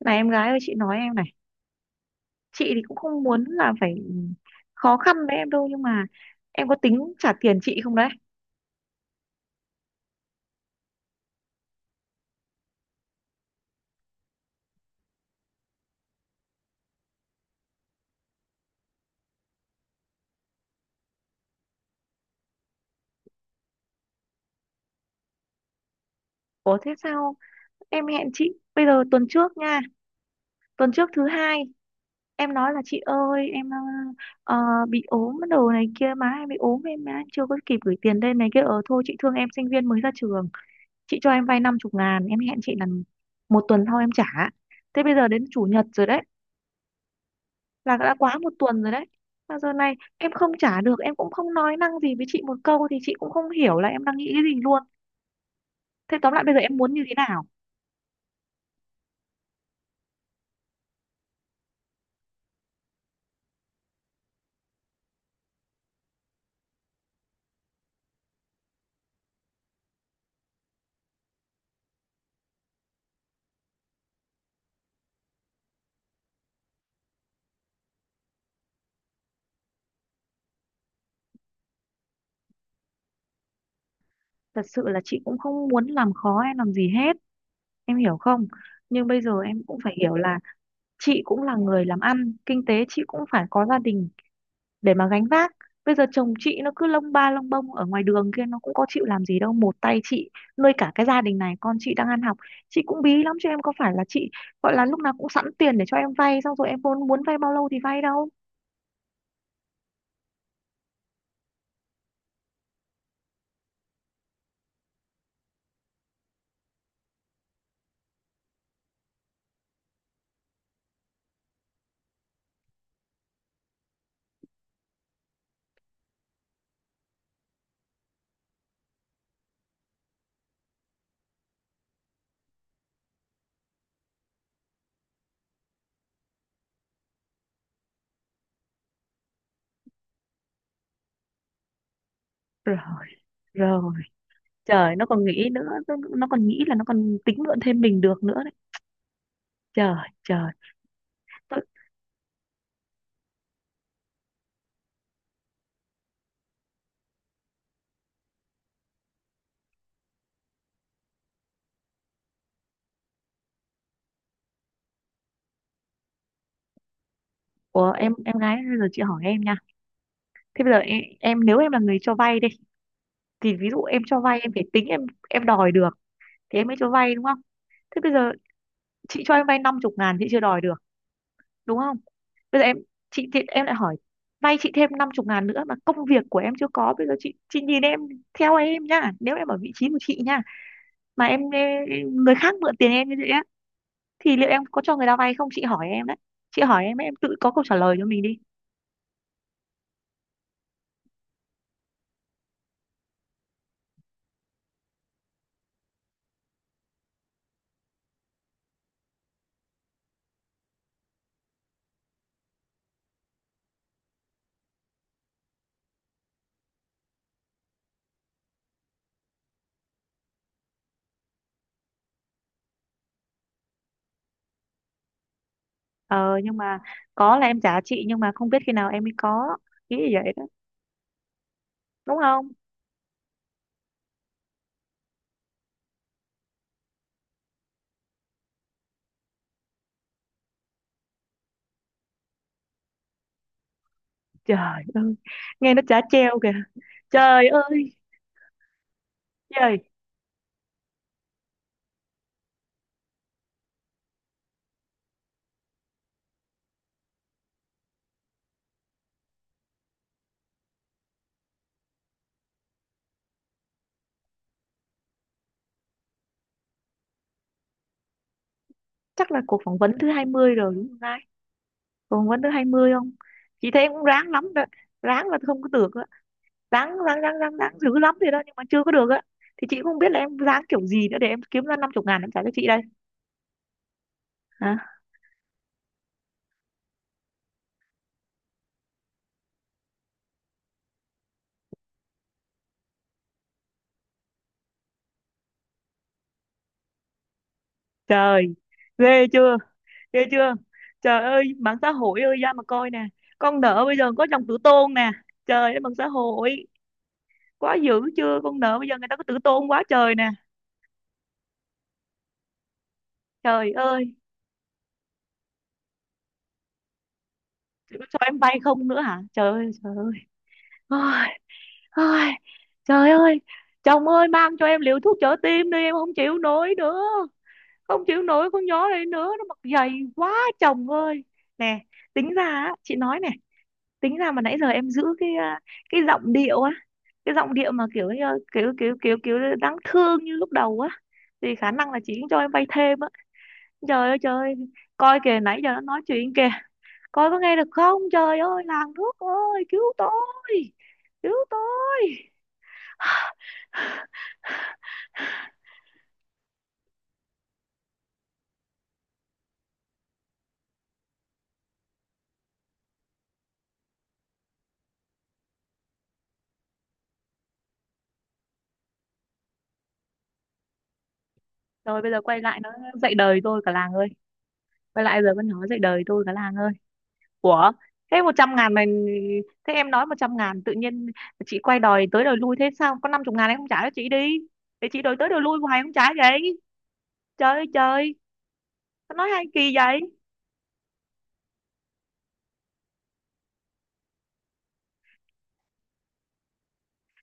Này em gái ơi, chị nói em này. Chị thì cũng không muốn là phải khó khăn với em đâu, nhưng mà em có tính trả tiền chị không đấy? Ủa thế sao em hẹn chị, bây giờ tuần trước nha, tuần trước thứ hai em nói là chị ơi em ờ, bị ốm đồ này kia, má em bị ốm, em má chưa có kịp gửi tiền lên này kia, ờ thôi chị thương em sinh viên mới ra trường, chị cho em vay 50.000, em hẹn chị là một tuần sau em trả. Thế bây giờ đến chủ nhật rồi đấy, là đã quá một tuần rồi đấy. Mà giờ này em không trả được, em cũng không nói năng gì với chị một câu, thì chị cũng không hiểu là em đang nghĩ cái gì luôn. Thế tóm lại bây giờ em muốn như thế nào? Thật sự là chị cũng không muốn làm khó em làm gì hết, em hiểu không? Nhưng bây giờ em cũng phải hiểu là chị cũng là người làm ăn kinh tế, chị cũng phải có gia đình để mà gánh vác. Bây giờ chồng chị nó cứ lông ba lông bông ở ngoài đường kia, nó cũng có chịu làm gì đâu, một tay chị nuôi cả cái gia đình này, con chị đang ăn học. Chị cũng bí lắm chứ, em có phải là chị gọi là lúc nào cũng sẵn tiền để cho em vay xong rồi em muốn muốn vay bao lâu thì vay đâu. Rồi, rồi. Trời, nó còn nghĩ nữa, nó còn nghĩ là nó còn tính mượn thêm mình được nữa đấy. Trời, trời. Tôi- Ủa, em gái, bây giờ chị hỏi em nha. Thế bây giờ em nếu em là người cho vay đi, thì ví dụ em cho vay em phải tính em đòi được thì em mới cho vay, đúng không? Thế bây giờ chị cho em vay năm chục ngàn, chị chưa đòi được, đúng không? Bây giờ em, chị thì em lại hỏi vay chị thêm 50.000 nữa mà công việc của em chưa có. Bây giờ chị nhìn em theo em nhá, nếu em ở vị trí của chị nhá, mà em người khác mượn tiền em như vậy á, thì liệu em có cho người ta vay không? Chị hỏi em đấy, chị hỏi em ấy, em tự có câu trả lời cho mình đi. Ờ nhưng mà có là em trả chị, nhưng mà không biết khi nào em mới có. Nghĩ như vậy đó, đúng không? Trời ơi, nghe nó chả treo kìa. Trời ơi trời. Chắc là cuộc phỏng vấn thứ 20 rồi đúng không? Còn quán thứ 20 không? Chị thấy em cũng ráng lắm đó. Ráng là không có được á, ráng ráng ráng ráng ráng dữ lắm thì đó, nhưng mà chưa có được á. Thì chị cũng không biết là em ráng kiểu gì nữa để em kiếm ra 50.000 em trả cho chị đây. Hả? Trời, ghê chưa, ghê chưa! Trời ơi mạng xã hội ơi, ra mà coi nè. Con nợ bây giờ có dòng tử tôn nè. Trời ơi mạng xã hội, quá dữ chưa, con nợ bây giờ người ta có tử tôn quá trời nè. Trời ơi. Chị có cho em vay không nữa hả? Trời ơi trời ơi! Ai, trời ơi, chồng ơi mang cho em liều thuốc trợ tim đi, em không chịu nổi nữa. Không chịu nổi con nhỏ này nữa, nó mặc dày quá chồng ơi. Nè, tính ra á, chị nói nè, tính ra mà nãy giờ em giữ cái giọng điệu á, cái giọng điệu mà kiểu như- kiểu kiểu kiểu kiểu đáng thương như lúc đầu á, thì khả năng là chị cũng cho em vay thêm á. Trời ơi trời ơi, coi kìa nãy giờ nó nói chuyện kìa, coi có nghe được không? Trời ơi, làng thuốc ơi, cứu tôi, cứu tôi. Rồi bây giờ quay lại nó dạy đời tôi, cả làng ơi. Quay lại giờ vẫn nói dạy đời tôi, cả làng ơi. Ủa, thế 100.000 mà, thế em nói 100.000 tự nhiên chị quay đòi tới đòi lui, thế sao có 50.000 em không trả cho chị đi. Để chị đòi tới đòi lui hoài không trả vậy. Trời ơi trời, nó nói hay kỳ vậy.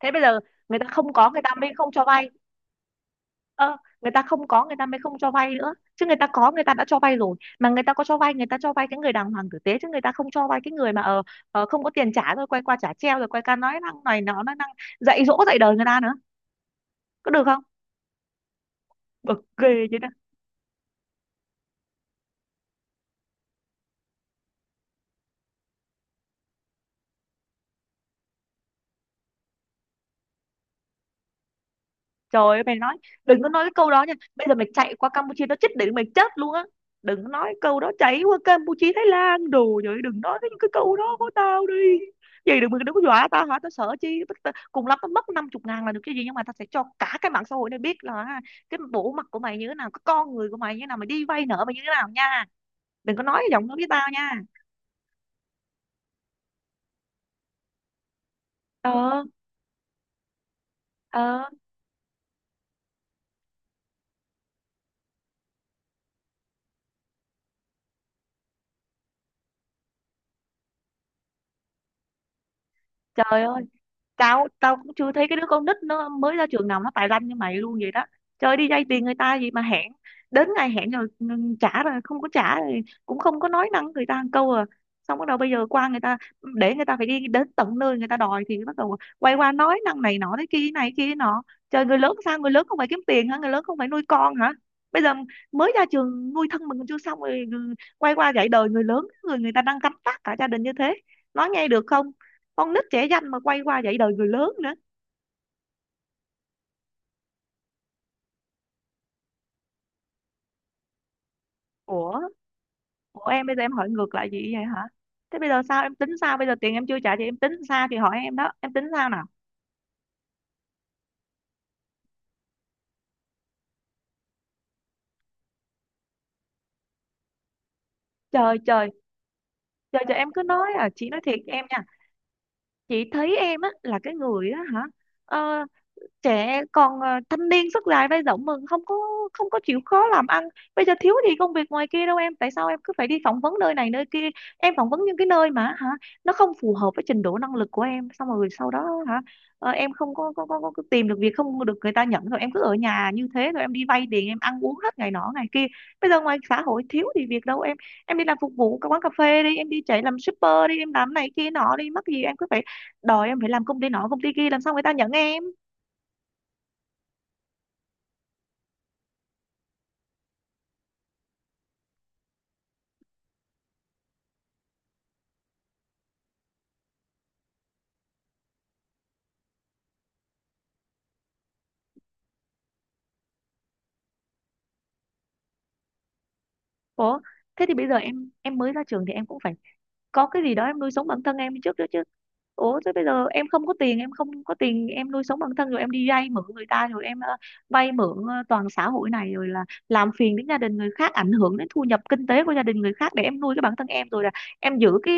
Thế bây giờ người ta không có, người ta mới không cho vay. Ờ Người ta không có, người ta mới không cho vay nữa chứ. Người ta có, người ta đã cho vay rồi mà. Người ta có cho vay, người ta cho vay cái người đàng hoàng tử tế chứ người ta không cho vay cái người mà không có tiền trả rồi quay qua trả treo, rồi quay qua nói năng này, nó nói năng dạy dỗ dạy đời người ta nữa. Có được không? Bực ghê chứ. Trời ơi mày nói, đừng có nói cái câu đó nha. Bây giờ mày chạy qua Campuchia nó chết đến mày chết luôn á. Đừng có nói câu đó, chạy qua Campuchia Thái Lan đồ vậy. Đừng nói cái câu đó của tao đi. Vậy đừng đừng có dọa tao, hả, tao sợ chi. Cùng lắm tao mất 50.000 là được cái gì. Nhưng mà tao sẽ cho cả cái mạng xã hội này biết là, ha, cái bộ mặt của mày như thế nào, cái con người của mày như thế nào, mày đi vay nợ mày như thế nào nha. Đừng có nói giọng nó với tao nha. Ờ ờ Trời ơi, tao tao cũng chưa thấy cái đứa con nít nó mới ra trường nào nó tài lanh như mày luôn vậy đó. Trời, đi vay tiền người ta gì mà hẹn đến ngày hẹn rồi ngừng trả, rồi không có trả, rồi cũng không có nói năng người ta một câu à. Xong bắt đầu bây giờ qua người ta, để người ta phải đi đến tận nơi người ta đòi, thì bắt đầu quay qua nói năng này nọ thế kia này kia nọ. Trời, người lớn sao? Người lớn không phải kiếm tiền hả? Người lớn không phải nuôi con hả? Bây giờ mới ra trường nuôi thân mình còn chưa xong, rồi quay qua dạy đời người lớn, người người ta đang cắm trại cả gia đình như thế. Nói nghe được không? Con nít trẻ danh mà quay qua dạy đời người lớn nữa. Ủa, của em, bây giờ em hỏi ngược lại chị vậy hả? Thế bây giờ sao em tính sao? Bây giờ tiền em chưa trả thì em tính sao? Thì hỏi em đó, em tính sao nào. Trời trời trời trời, em cứ nói à, chị nói thiệt em nha. Chị thấy em á là cái người á hả. Ờ, trẻ còn thanh niên sức dài vai rộng mừng không có, không có chịu khó làm ăn. Bây giờ thiếu gì công việc ngoài kia đâu em. Tại sao em cứ phải đi phỏng vấn nơi này nơi kia? Em phỏng vấn những cái nơi mà hả nó không phù hợp với trình độ năng lực của em, xong rồi sau đó hả, em không có có tìm được việc, không được người ta nhận, rồi em cứ ở nhà như thế, rồi em đi vay tiền em ăn uống hết ngày nọ ngày kia. Bây giờ ngoài xã hội thiếu gì việc đâu em. Em đi làm phục vụ các quán cà phê đi, em đi chạy làm shipper đi, em làm này kia nọ đi, mắc gì em cứ phải đòi em phải làm công ty nọ công ty kia, làm sao người ta nhận em? Ủa, thế thì bây giờ em mới ra trường thì em cũng phải có cái gì đó em nuôi sống bản thân em trước đó chứ. Ủa, thế bây giờ em không có tiền, em không có tiền, em nuôi sống bản thân, rồi em đi vay mượn người ta, rồi em vay mượn toàn xã hội này, rồi là làm phiền đến gia đình người khác, ảnh hưởng đến thu nhập kinh tế của gia đình người khác để em nuôi cái bản thân em, rồi là em giữ cái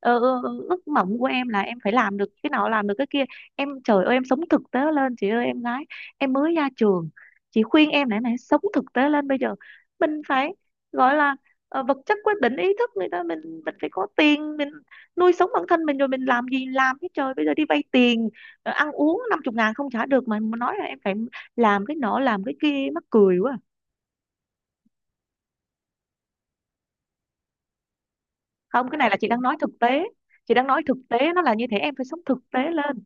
ước mộng của em là em phải làm được cái nào làm được cái kia. Em, trời ơi, em sống thực tế lên chị ơi, em gái, em mới ra trường. Chị khuyên em, này này, sống thực tế lên bây giờ. Mình phải gọi là vật chất quyết định ý thức người ta. Mình phải có tiền, mình nuôi sống bản thân mình rồi mình làm gì làm chứ. Trời, bây giờ đi vay tiền, ăn uống 50.000 không trả được, mà nói là em phải làm cái nọ làm cái kia, mắc cười quá. Không, cái này là chị đang nói thực tế. Chị đang nói thực tế, nó là như thế, em phải sống thực tế lên.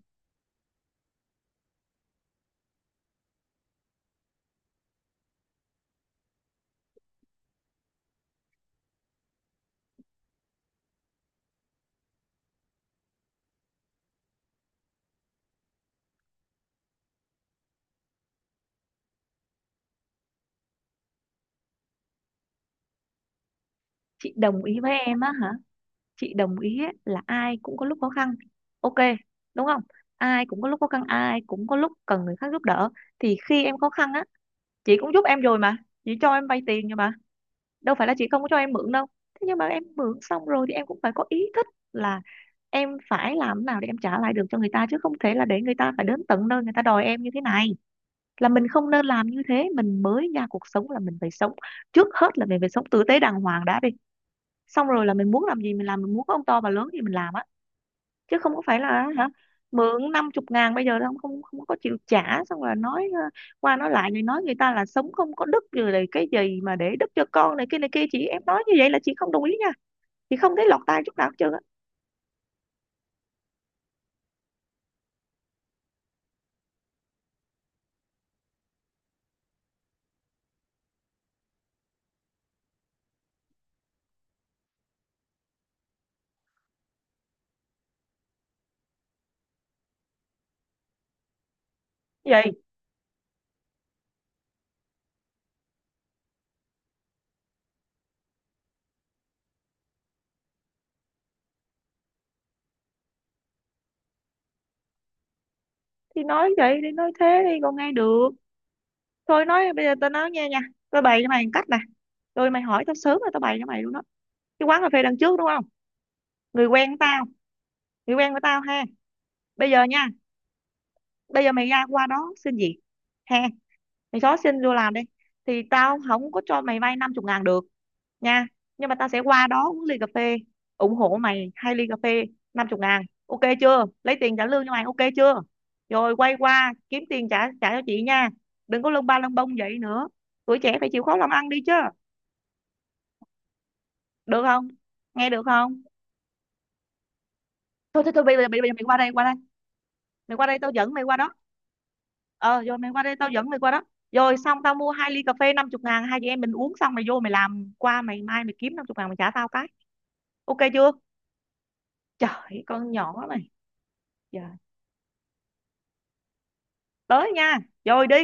Chị đồng ý với em á hả? Chị đồng ý á, là ai cũng có lúc khó khăn. Ok, đúng không? Ai cũng có lúc khó khăn, ai cũng có lúc cần người khác giúp đỡ. Thì khi em khó khăn á, chị cũng giúp em rồi mà, chị cho em vay tiền rồi mà, đâu phải là chị không có cho em mượn đâu. Thế nhưng mà em mượn xong rồi thì em cũng phải có ý thức là em phải làm nào để em trả lại được cho người ta, chứ không thể là để người ta phải đến tận nơi người ta đòi em như thế này. Là mình không nên làm như thế. Mình mới ra cuộc sống là mình phải sống, trước hết là mình phải sống tử tế đàng hoàng đã đi. Xong rồi là mình muốn làm gì mình làm, mình muốn có ông to bà lớn gì mình làm á, chứ không có phải là hả? Mượn 50.000 bây giờ không không không có chịu trả, xong rồi nói, qua nói lại, rồi nói người ta là sống không có đức, rồi là cái gì mà để đức cho con, này kia này kia. Chị em nói như vậy là chị không đồng ý nha, chị không thấy lọt tai chút nào hết trơn á. Vậy thì nói vậy đi, nói thế đi còn nghe được. Thôi, nói bây giờ tao nói nghe nha, tao bày cho mày một cách nè. Rồi mày hỏi tao sớm rồi tao bày cho mày luôn đó. Cái quán cà phê đằng trước, đúng không? Người quen của tao, người quen của tao ha. Bây giờ nha, bây giờ mày ra qua đó xin việc ha. Mày xóa xin vô làm đi. Thì tao không có cho mày vay 50.000 được nha, nhưng mà tao sẽ qua đó uống ly cà phê, ủng hộ mày hai ly cà phê 50.000. Ok chưa? Lấy tiền trả lương cho mày, ok chưa? Rồi quay qua kiếm tiền trả trả cho chị nha. Đừng có lông ba lông bông vậy nữa, tuổi trẻ phải chịu khó làm ăn đi chứ. Được không? Nghe được không? Thôi thôi thôi, bây giờ mày qua đây, qua đây, mày qua đây tao dẫn mày qua đó. Ờ rồi, mày qua đây tao dẫn mày qua đó. Rồi xong, tao mua hai ly cà phê năm chục ngàn, hai chị em mình uống xong mày vô mày làm, qua mày mai mày kiếm 50.000 mày trả tao cái. Ok chưa? Trời, con nhỏ này. Trời, tới nha, rồi đi